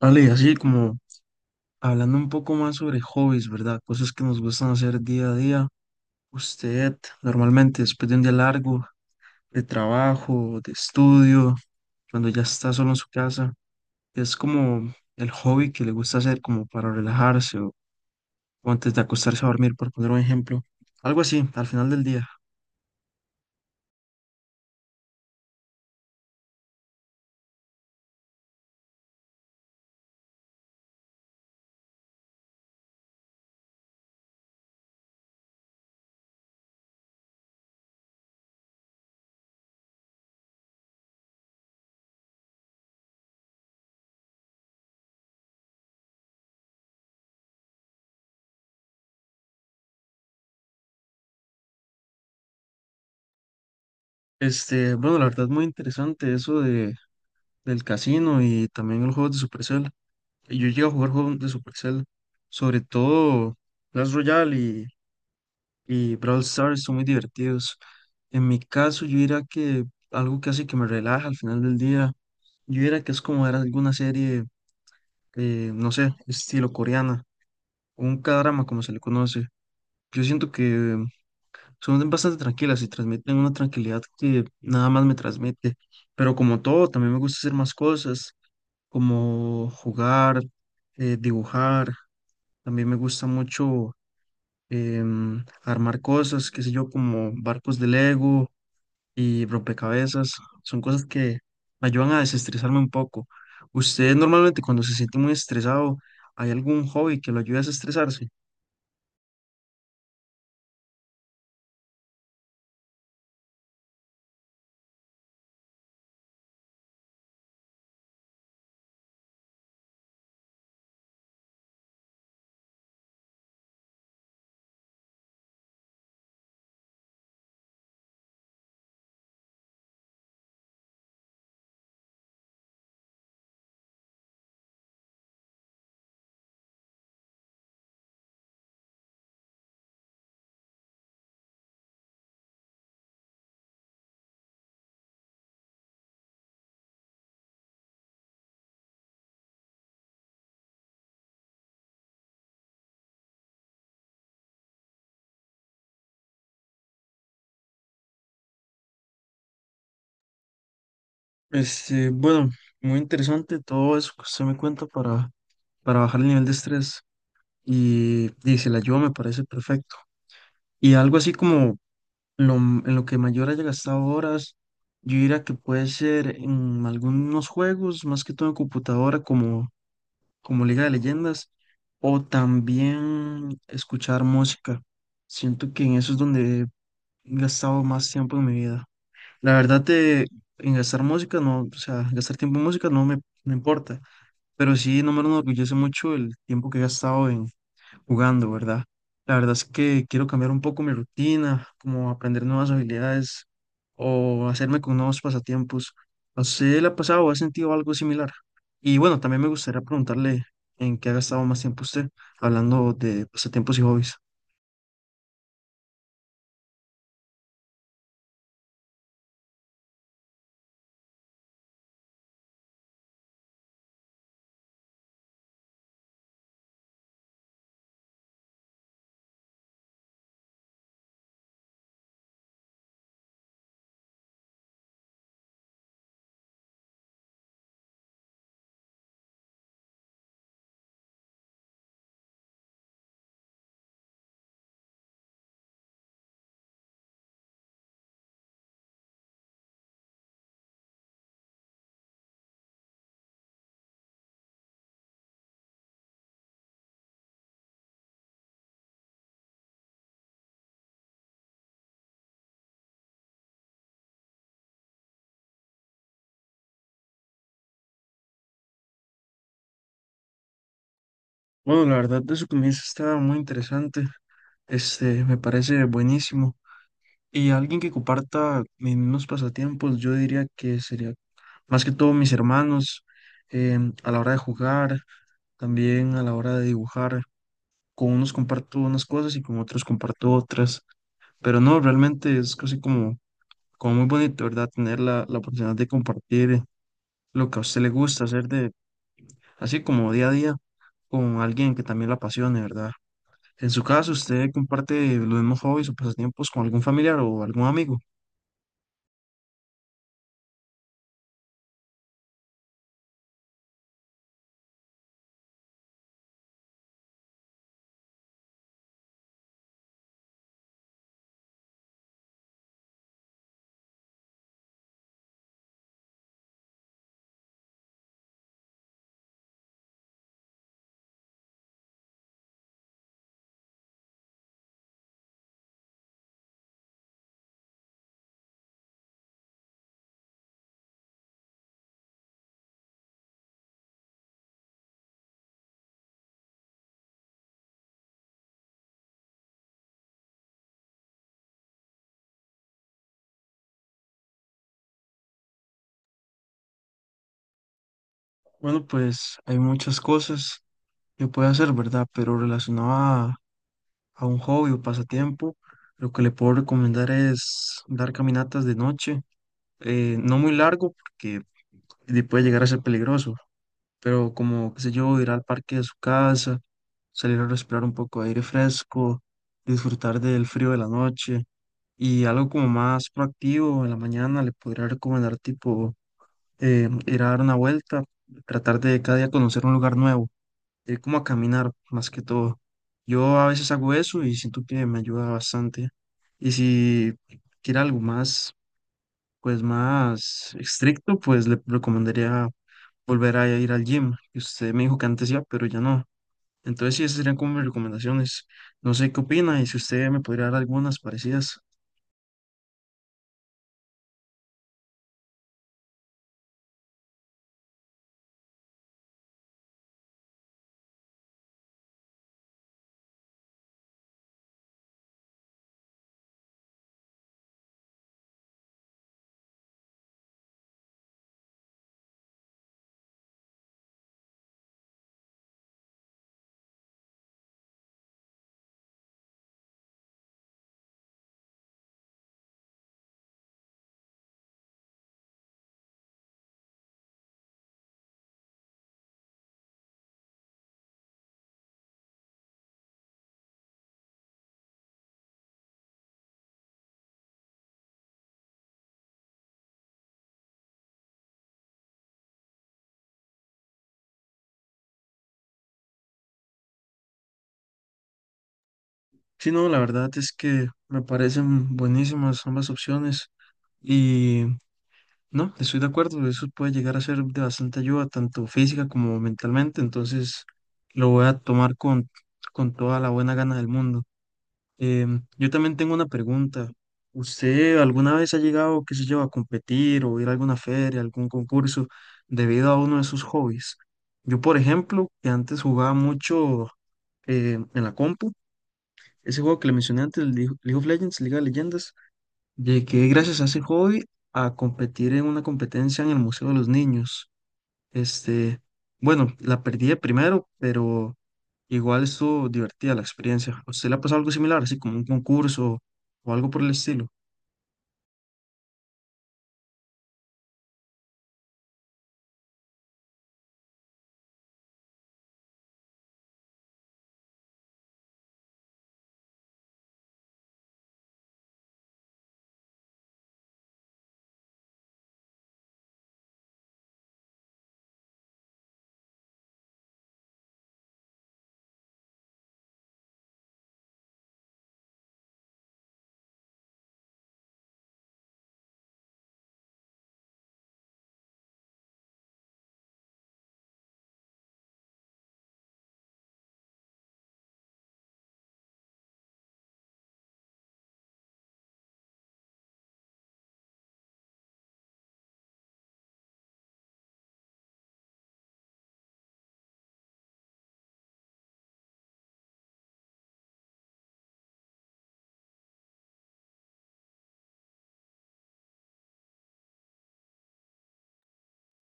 Vale, así como hablando un poco más sobre hobbies, ¿verdad? Cosas que nos gustan hacer día a día. Usted normalmente después de un día largo de trabajo, de estudio, cuando ya está solo en su casa, es como el hobby que le gusta hacer como para relajarse o antes de acostarse a dormir, por poner un ejemplo. Algo así, al final del día. Este, bueno, la verdad es muy interesante eso del casino y también los juegos de Supercell. Yo llego a jugar juegos de Supercell, sobre todo, Clash Royale y Brawl Stars son muy divertidos. En mi caso, yo diría que algo que hace que me relaja al final del día, yo diría que es como ver alguna serie, no sé, estilo coreana, un K-drama como se le conoce. Yo siento que son bastante tranquilas y transmiten una tranquilidad que nada más me transmite. Pero como todo, también me gusta hacer más cosas, como jugar, dibujar. También me gusta mucho armar cosas, qué sé yo, como barcos de Lego y rompecabezas. Son cosas que me ayudan a desestresarme un poco. ¿Usted normalmente cuando se siente muy estresado, hay algún hobby que lo ayude a desestresarse? Este, bueno, muy interesante todo eso que usted me cuenta para bajar el nivel de estrés. Y dice, la ayuda me parece perfecto. Y algo así como en lo que mayor haya gastado horas, yo diría que puede ser en algunos juegos, más que todo en computadora, como como Liga de Leyendas, o también escuchar música. Siento que en eso es donde he gastado más tiempo en mi vida. La verdad de en gastar música, no, o sea, gastar tiempo en música no no importa, pero sí no me enorgullece mucho el tiempo que he gastado en, jugando, ¿verdad? La verdad es que quiero cambiar un poco mi rutina, como aprender nuevas habilidades o hacerme con nuevos pasatiempos. No sé, le ha pasado o ha sentido algo similar. Y bueno, también me gustaría preguntarle en qué ha gastado más tiempo usted, hablando de pasatiempos y hobbies. Bueno, la verdad de su comienzo está muy interesante. Este, me parece buenísimo. Y alguien que comparta mis mismos pasatiempos, yo diría que sería más que todo mis hermanos, a la hora de jugar. También a la hora de dibujar, con unos comparto unas cosas y con otros comparto otras. Pero no, realmente es casi como, como muy bonito, ¿verdad? Tener la oportunidad de compartir lo que a usted le gusta hacer de, así como día a día, con alguien que también la apasione, ¿verdad? En su caso, ¿usted comparte los mismos hobbies o pasatiempos con algún familiar o algún amigo? Bueno, pues hay muchas cosas que puede hacer, ¿verdad? Pero relacionado a un hobby o pasatiempo, lo que le puedo recomendar es dar caminatas de noche, no muy largo porque puede llegar a ser peligroso, pero como, qué sé yo, ir al parque de su casa, salir a respirar un poco de aire fresco, disfrutar del frío de la noche y algo como más proactivo en la mañana le podría recomendar tipo ir a dar una vuelta, tratar de cada día conocer un lugar nuevo, ir como a caminar más que todo. Yo a veces hago eso y siento que me ayuda bastante. Y si quiere algo más, pues más estricto, pues le recomendaría volver a ir al gym, que usted me dijo que antes iba, pero ya no. Entonces sí, esas serían como mis recomendaciones. No sé qué opina y si usted me podría dar algunas parecidas. Sí, no, la verdad es que me parecen buenísimas ambas opciones. Y no, estoy de acuerdo, eso puede llegar a ser de bastante ayuda, tanto física como mentalmente, entonces lo voy a tomar con toda la buena gana del mundo. Yo también tengo una pregunta. ¿Usted alguna vez ha llegado, qué sé yo, a competir o ir a alguna feria, algún concurso debido a uno de sus hobbies? Yo, por ejemplo, que antes jugaba mucho en la compu, ese juego que le mencioné antes, el League of Legends, Liga de Leyendas, llegué gracias a ese hobby a competir en una competencia en el Museo de los Niños. Este, bueno, la perdí de primero, pero igual estuvo divertida la experiencia. ¿A usted le ha pasado algo similar, así como un concurso o algo por el estilo?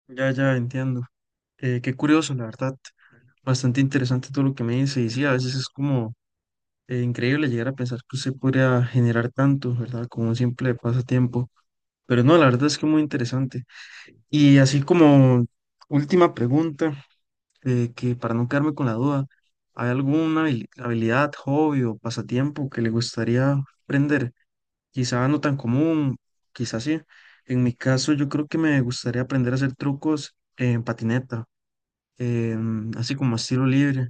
Ya, ya, entiendo. Qué curioso, la verdad. Bastante interesante todo lo que me dice. Y sí, a veces es como increíble llegar a pensar que usted podría generar tanto, ¿verdad? Como un simple pasatiempo. Pero no, la verdad es que muy interesante. Y así como última pregunta. Que para no quedarme con la duda, ¿hay alguna habilidad, hobby o pasatiempo que le gustaría aprender? Quizá no tan común, quizá sí. En mi caso, yo creo que me gustaría aprender a hacer trucos en patineta, así como a estilo libre,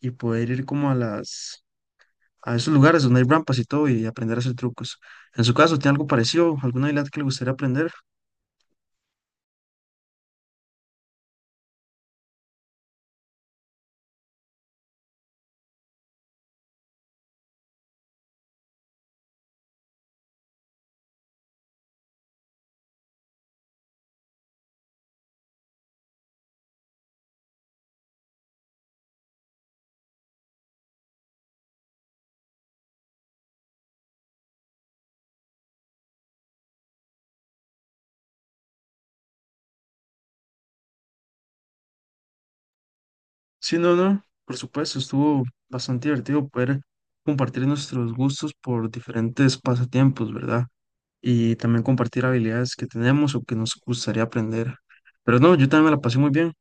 y poder ir como a a esos lugares donde hay rampas y todo y aprender a hacer trucos. En su caso, ¿tiene algo parecido? ¿Alguna habilidad que le gustaría aprender? Sí, no, no, por supuesto, estuvo bastante divertido poder compartir nuestros gustos por diferentes pasatiempos, ¿verdad? Y también compartir habilidades que tenemos o que nos gustaría aprender. Pero no, yo también me la pasé muy bien.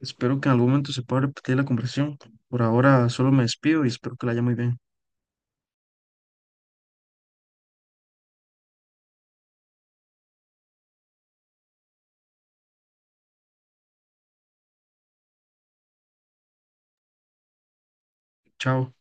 Espero que en algún momento se pueda repetir la conversación. Por ahora solo me despido y espero que la haya muy bien. Chao.